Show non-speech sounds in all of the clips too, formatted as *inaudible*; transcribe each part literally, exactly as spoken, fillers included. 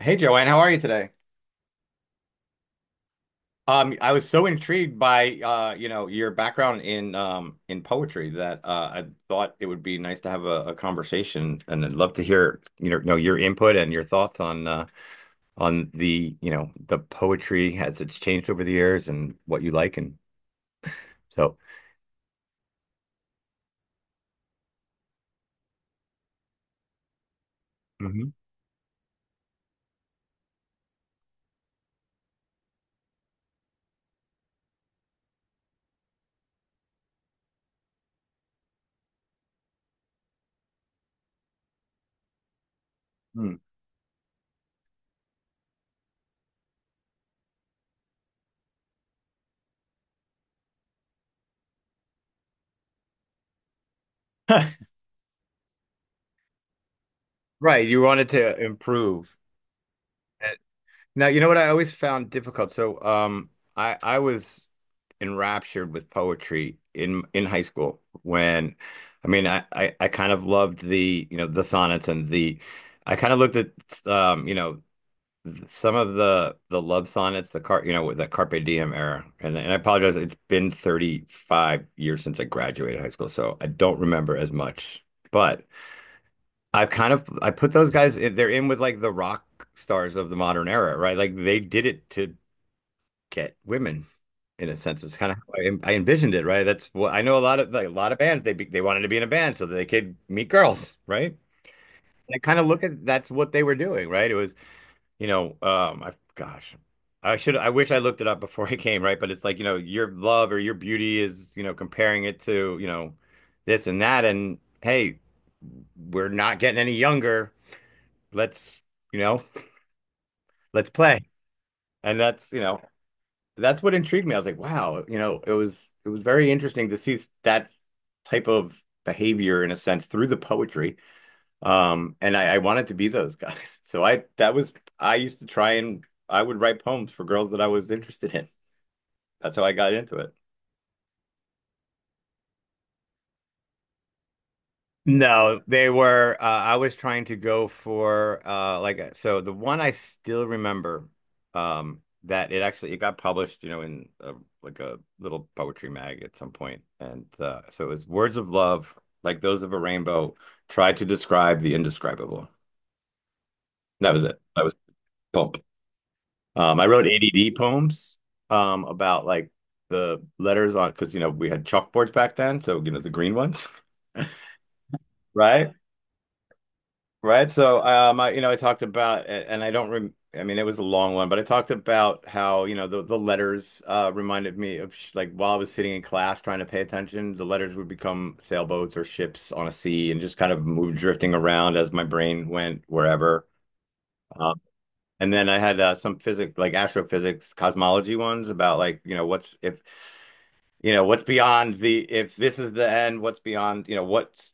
Hey Joanne, how are you today? Um, I was so intrigued by uh, you know, your background in um in poetry that uh, I thought it would be nice to have a, a conversation, and I'd love to hear you know, know your input and your thoughts on uh, on the you know the poetry as it's changed over the years and what you like and so. Mhm. Hmm. *laughs* Right, you wanted to improve. Now, you know what I always found difficult. So, um, I I was enraptured with poetry in in high school when I mean I, I I kind of loved the you know the sonnets, and the I kind of looked at um you know some of the the love sonnets, the car you know with the Carpe Diem era, and and I apologize, it's been thirty-five years since I graduated high school, so I don't remember as much, but I've kind of I put those guys, eh, they're in with like the rock stars of the modern era, right? Like they did it to get women, in a sense. It's kind of how I, I envisioned it, right? That's what I know, a lot of like a lot of bands, they be, they wanted to be in a band so that they could meet girls, right? And I kind of look at, that's what they were doing, right? It was, you know, um, I gosh, I should I wish I looked it up before I came, right? But it's like, you know, your love or your beauty is, you know, comparing it to, you know, this and that, and hey, we're not getting any younger. Let's, you know, let's play. And that's, you know, that's what intrigued me. I was like, wow, you know, it was it was very interesting to see that type of behavior, in a sense, through the poetry. Um, and I, I wanted to be those guys. *laughs* So I that was I used to try, and I would write poems for girls that I was interested in. That's how I got into it. No, they were. Uh, I was trying to go for uh, like uh, so. The one I still remember, um, that it actually it got published, you know, in a, like a little poetry mag at some point, and uh, so it was, "Words of love, like those of a rainbow, try to describe the indescribable." That was it. That was pulp. Um, I wrote A D D poems, um, about like the letters, on because you know we had chalkboards back then, so you know, the green ones. *laughs* Right? Right. So, um, I, you know, I talked about, a- and I don't rem I mean, it was a long one, but I talked about how, you know, the, the letters uh, reminded me of, sh like, while I was sitting in class trying to pay attention, the letters would become sailboats or ships on a sea, and just kind of move, drifting around as my brain went wherever. Um, and then I had uh, some physics, like astrophysics, cosmology ones, about like, you know, what's if, you know, what's beyond the, if this is the end, what's beyond, you know, what's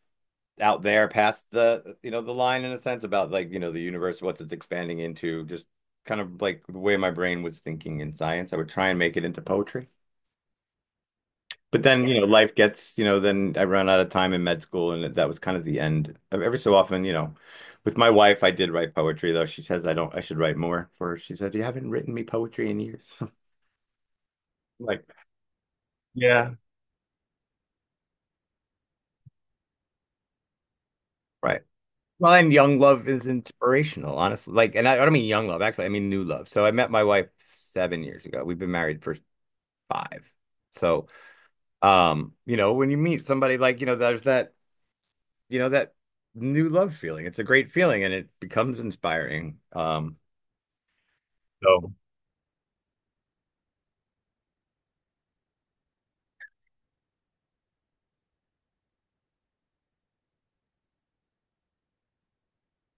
out there past the you know the line, in a sense, about like, you know the universe, what's, it's expanding into, just kind of like the way my brain was thinking in science. I would try and make it into poetry, but then, you know life gets, you know then I ran out of time in med school, and that was kind of the end. Every so often, you know with my wife I did write poetry, though she says I don't I should write more for her. She said, "You haven't written me poetry in years." *laughs* I'm like, yeah, right. Find young love is inspirational, honestly. Like, and I, I don't mean young love, actually, I mean new love. So I met my wife seven years ago. We've been married for five. So, um, you know, when you meet somebody, like, you know, there's that, you know, that new love feeling. It's a great feeling, and it becomes inspiring. Um, so,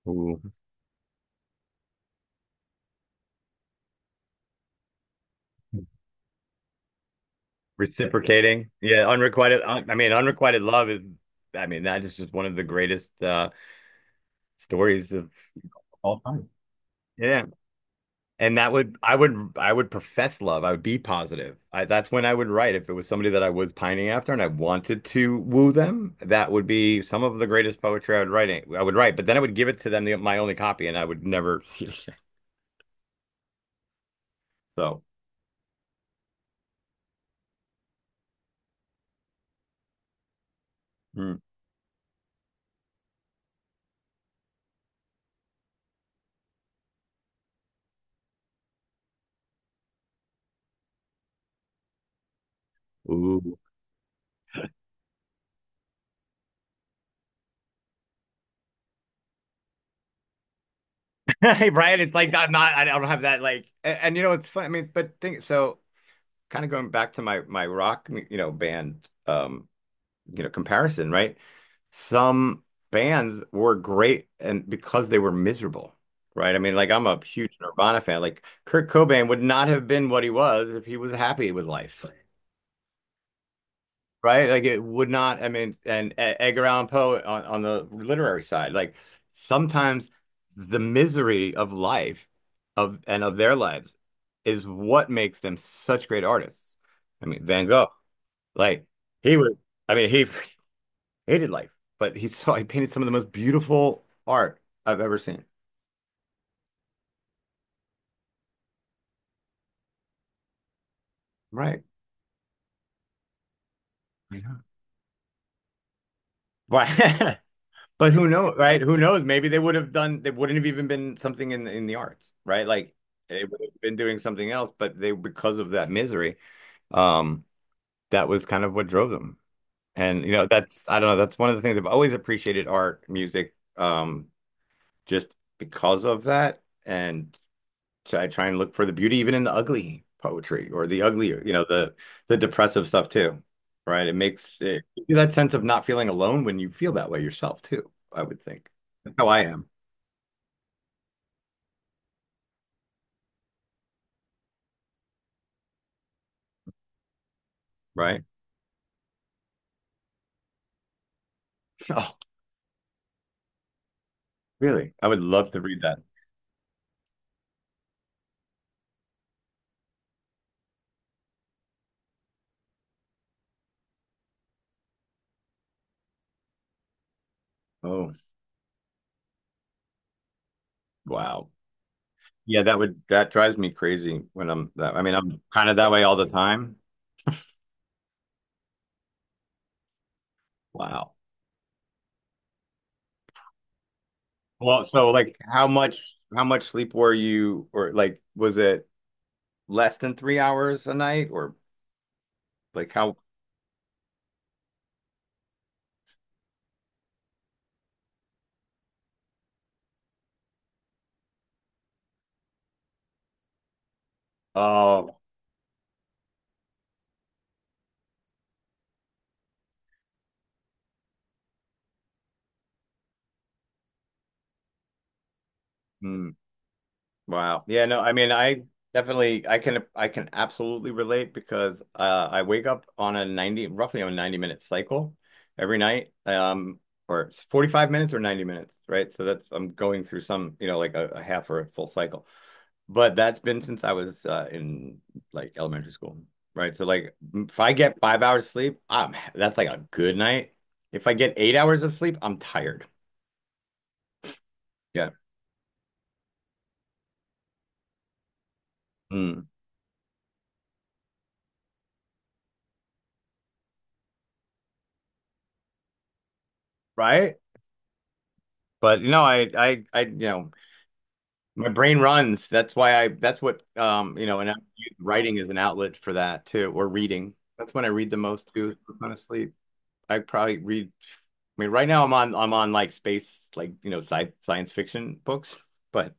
ooh, reciprocating, yeah, unrequited. I mean, unrequited love is, I mean, that is just one of the greatest uh stories of all time. Yeah. And that would I would I would profess love. I would be positive. I, that's when I would write. If it was somebody that I was pining after and I wanted to woo them, that would be some of the greatest poetry I would write. I would write, but then I would give it to them, the, my only copy, and I would never *laughs* see it. So, mm. Ooh. *laughs* Hey, Brian, it's like, I'm not. I don't have that, like. And, and you know, it's funny. I mean, but think so. Kind of going back to my my rock, you know, band, um you know comparison, right? Some bands were great, and because they were miserable, right? I mean, like, I'm a huge Nirvana fan. Like, Kurt Cobain would not have been what he was if he was happy with life. Right? Like, it would not, I mean, and E- Edgar Allan Poe, on, on the literary side, like, sometimes the misery of life, of and of their lives, is what makes them such great artists. I mean, Van Gogh, like, he was, I mean, he *laughs* hated life, but he saw he painted some of the most beautiful art I've ever seen. Right. Yeah. Right. *laughs* But who knows, right? Who knows? Maybe they would have done, they wouldn't have even been something in in the arts, right? Like, they would have been doing something else, but they because of that misery, um, that was kind of what drove them. And, you know, that's I don't know, that's one of the things I've always appreciated: art, music, um, just because of that. And so, I try and look for the beauty even in the ugly poetry, or the ugly, you know, the the depressive stuff too, right? It makes it gives you that sense of not feeling alone when you feel that way yourself too, I would think. That's how I am, right? *laughs* Oh, really? I would love to read that. Oh, wow. Yeah, that would that drives me crazy when I'm that. I mean, I'm kind of that way all the time. Wow. Well, so like, how much how much sleep were you, or like, was it less than three hours a night, or like, how? Oh. Hmm. Wow. Yeah, no, I mean, I definitely I can I can absolutely relate, because uh I wake up on a ninety, roughly on a ninety minute cycle every night. Um or it's forty-five minutes or ninety minutes, right? So that's I'm going through some, you know, like a, a half or a full cycle. But that's been since I was uh in, like, elementary school, right? So like, if I get five hours sleep, I'm that's like a good night. If I get eight hours of sleep, I'm tired. Yeah. Mm. Right? But you know, I I I you know my brain runs. That's why I, that's what, um, you know, and I use writing is an outlet for that too, or reading. That's when I read the most too, honestly. I probably read, I mean, right now I'm on, I'm on like, space, like, you know, sci science fiction books, but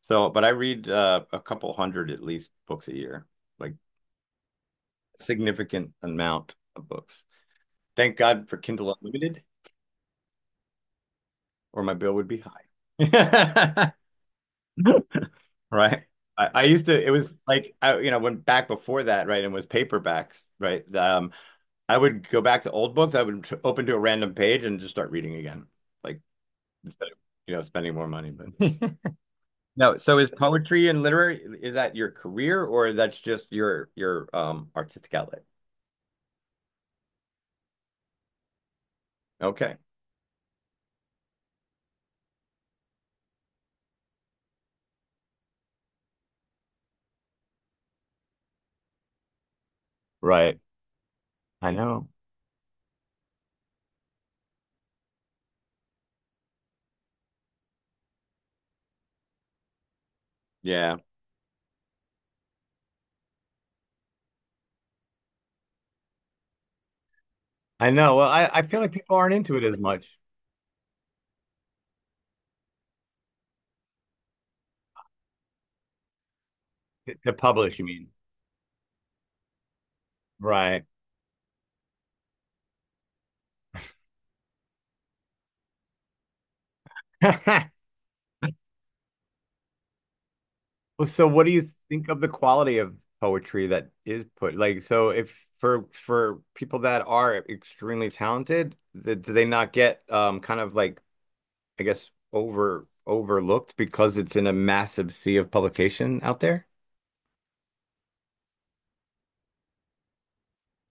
so, but I read uh, a couple hundred at least books a year, like, significant amount of books. Thank God for Kindle Unlimited, or my bill would be high. *laughs* Right. I, I used to, it was like, I, you know, when, back before that, right, and was paperbacks, right? Um, I would go back to old books. I would t- open to a random page and just start reading again, like, instead of, you know, spending more money. But *laughs* no, so, is poetry and literary, is that your career, or that's just your your um artistic outlet? Okay. Right. I know. Yeah. I know. Well, I, I feel like people aren't into it as much, to, to publish, you mean? Right. *laughs* Well, so what do you think of the quality of poetry that is put? Like, so, if for for people that are extremely talented, th do they not get, um kind of like, I guess, over overlooked, because it's in a massive sea of publication out there?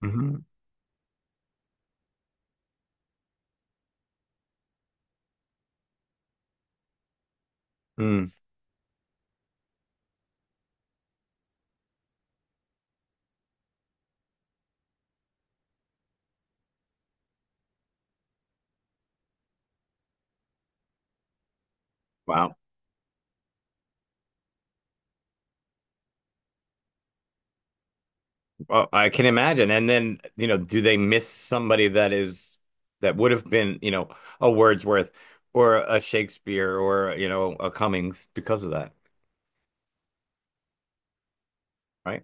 Hmm. Mm, wow. Well, I can imagine. And then, you know, do they miss somebody that is that would have been, you know, a Wordsworth, or a Shakespeare, or, you know, a Cummings, because of that, right?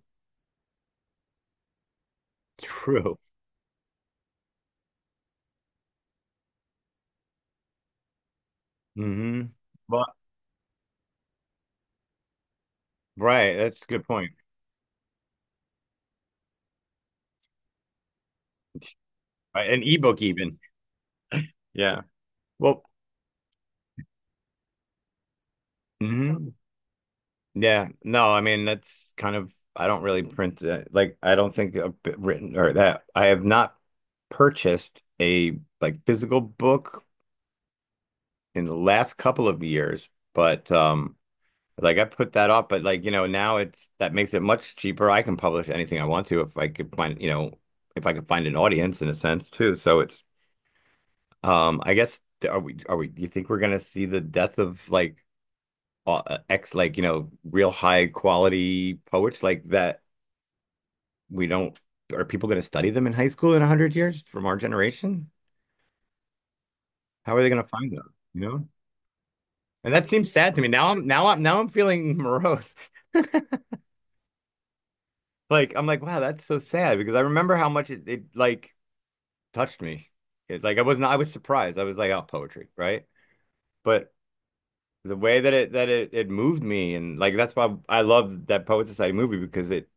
True. Hmm. Well, right. That's a good point. Right. An ebook, even. Yeah. Well, hmm. Yeah. No, I mean, that's kind of, I don't really print, uh, like, I don't think a bit written, or that I have not purchased a, like, physical book in the last couple of years, but um like, I put that off, but like, you know now, it's that makes it much cheaper. I can publish anything I want to, if I could find, you know, if I could find an audience, in a sense too. So, it's, Um, I guess, are we are we, you think, we're gonna see the death of, like, uh, ex like, you know real high quality poets, like, that we don't are people gonna study them in high school in a hundred years from our generation? How are they gonna find them? You know? And that seems sad to me. Now I'm now I'm now I'm feeling morose. *laughs* Like, I'm like, wow, that's so sad, because I remember how much it, it like, touched me. It, like, I was not I was surprised. I was like, oh, poetry, right? But the way that it that it, it moved me, and like, that's why I love that Poet Society movie, because it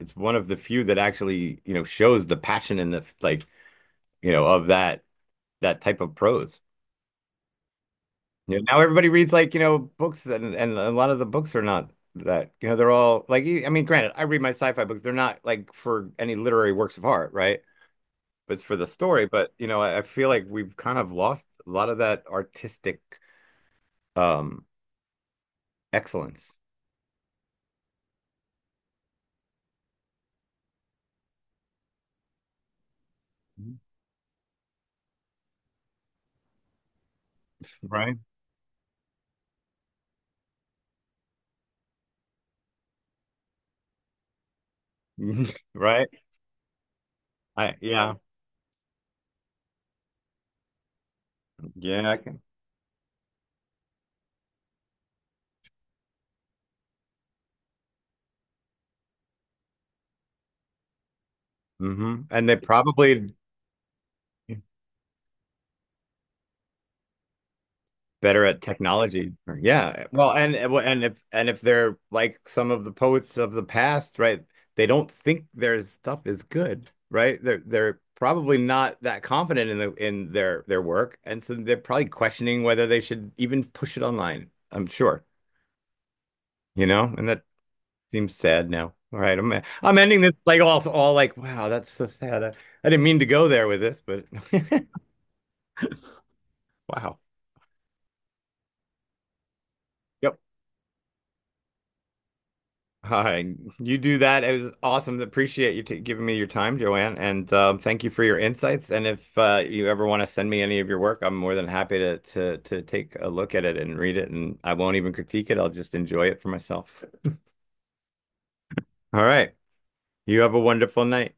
it's one of the few that actually, you know shows the passion and the, like, you know of that that type of prose. You know, now everybody reads, like, you know books, and and a lot of the books are not that, you know they're all like, e, I mean, granted, I read my sci-fi books, they're not like for any literary works of art, right? But it's for the story. But you know I, I feel like we've kind of lost a lot of that artistic um excellence. Right. *laughs* Right. I Yeah, yeah, I can. Hmm. And they probably better at technology. Yeah. Well, and and if and if they're like some of the poets of the past, right? They don't think their stuff is good, right? They're they're probably not that confident in the in their their work, and so they're probably questioning whether they should even push it online. I'm sure, you know, and that seems sad now. All right, I'm I'm ending this like, all, all like, wow, that's so sad. I, I didn't mean to go there with this, but *laughs* wow. Yep. Hi, you do that. It was awesome. Appreciate you t giving me your time, Joanne, and um, thank you for your insights. And if uh, you ever want to send me any of your work, I'm more than happy to to to take a look at it and read it. And I won't even critique it. I'll just enjoy it for myself. All right. You have a wonderful night.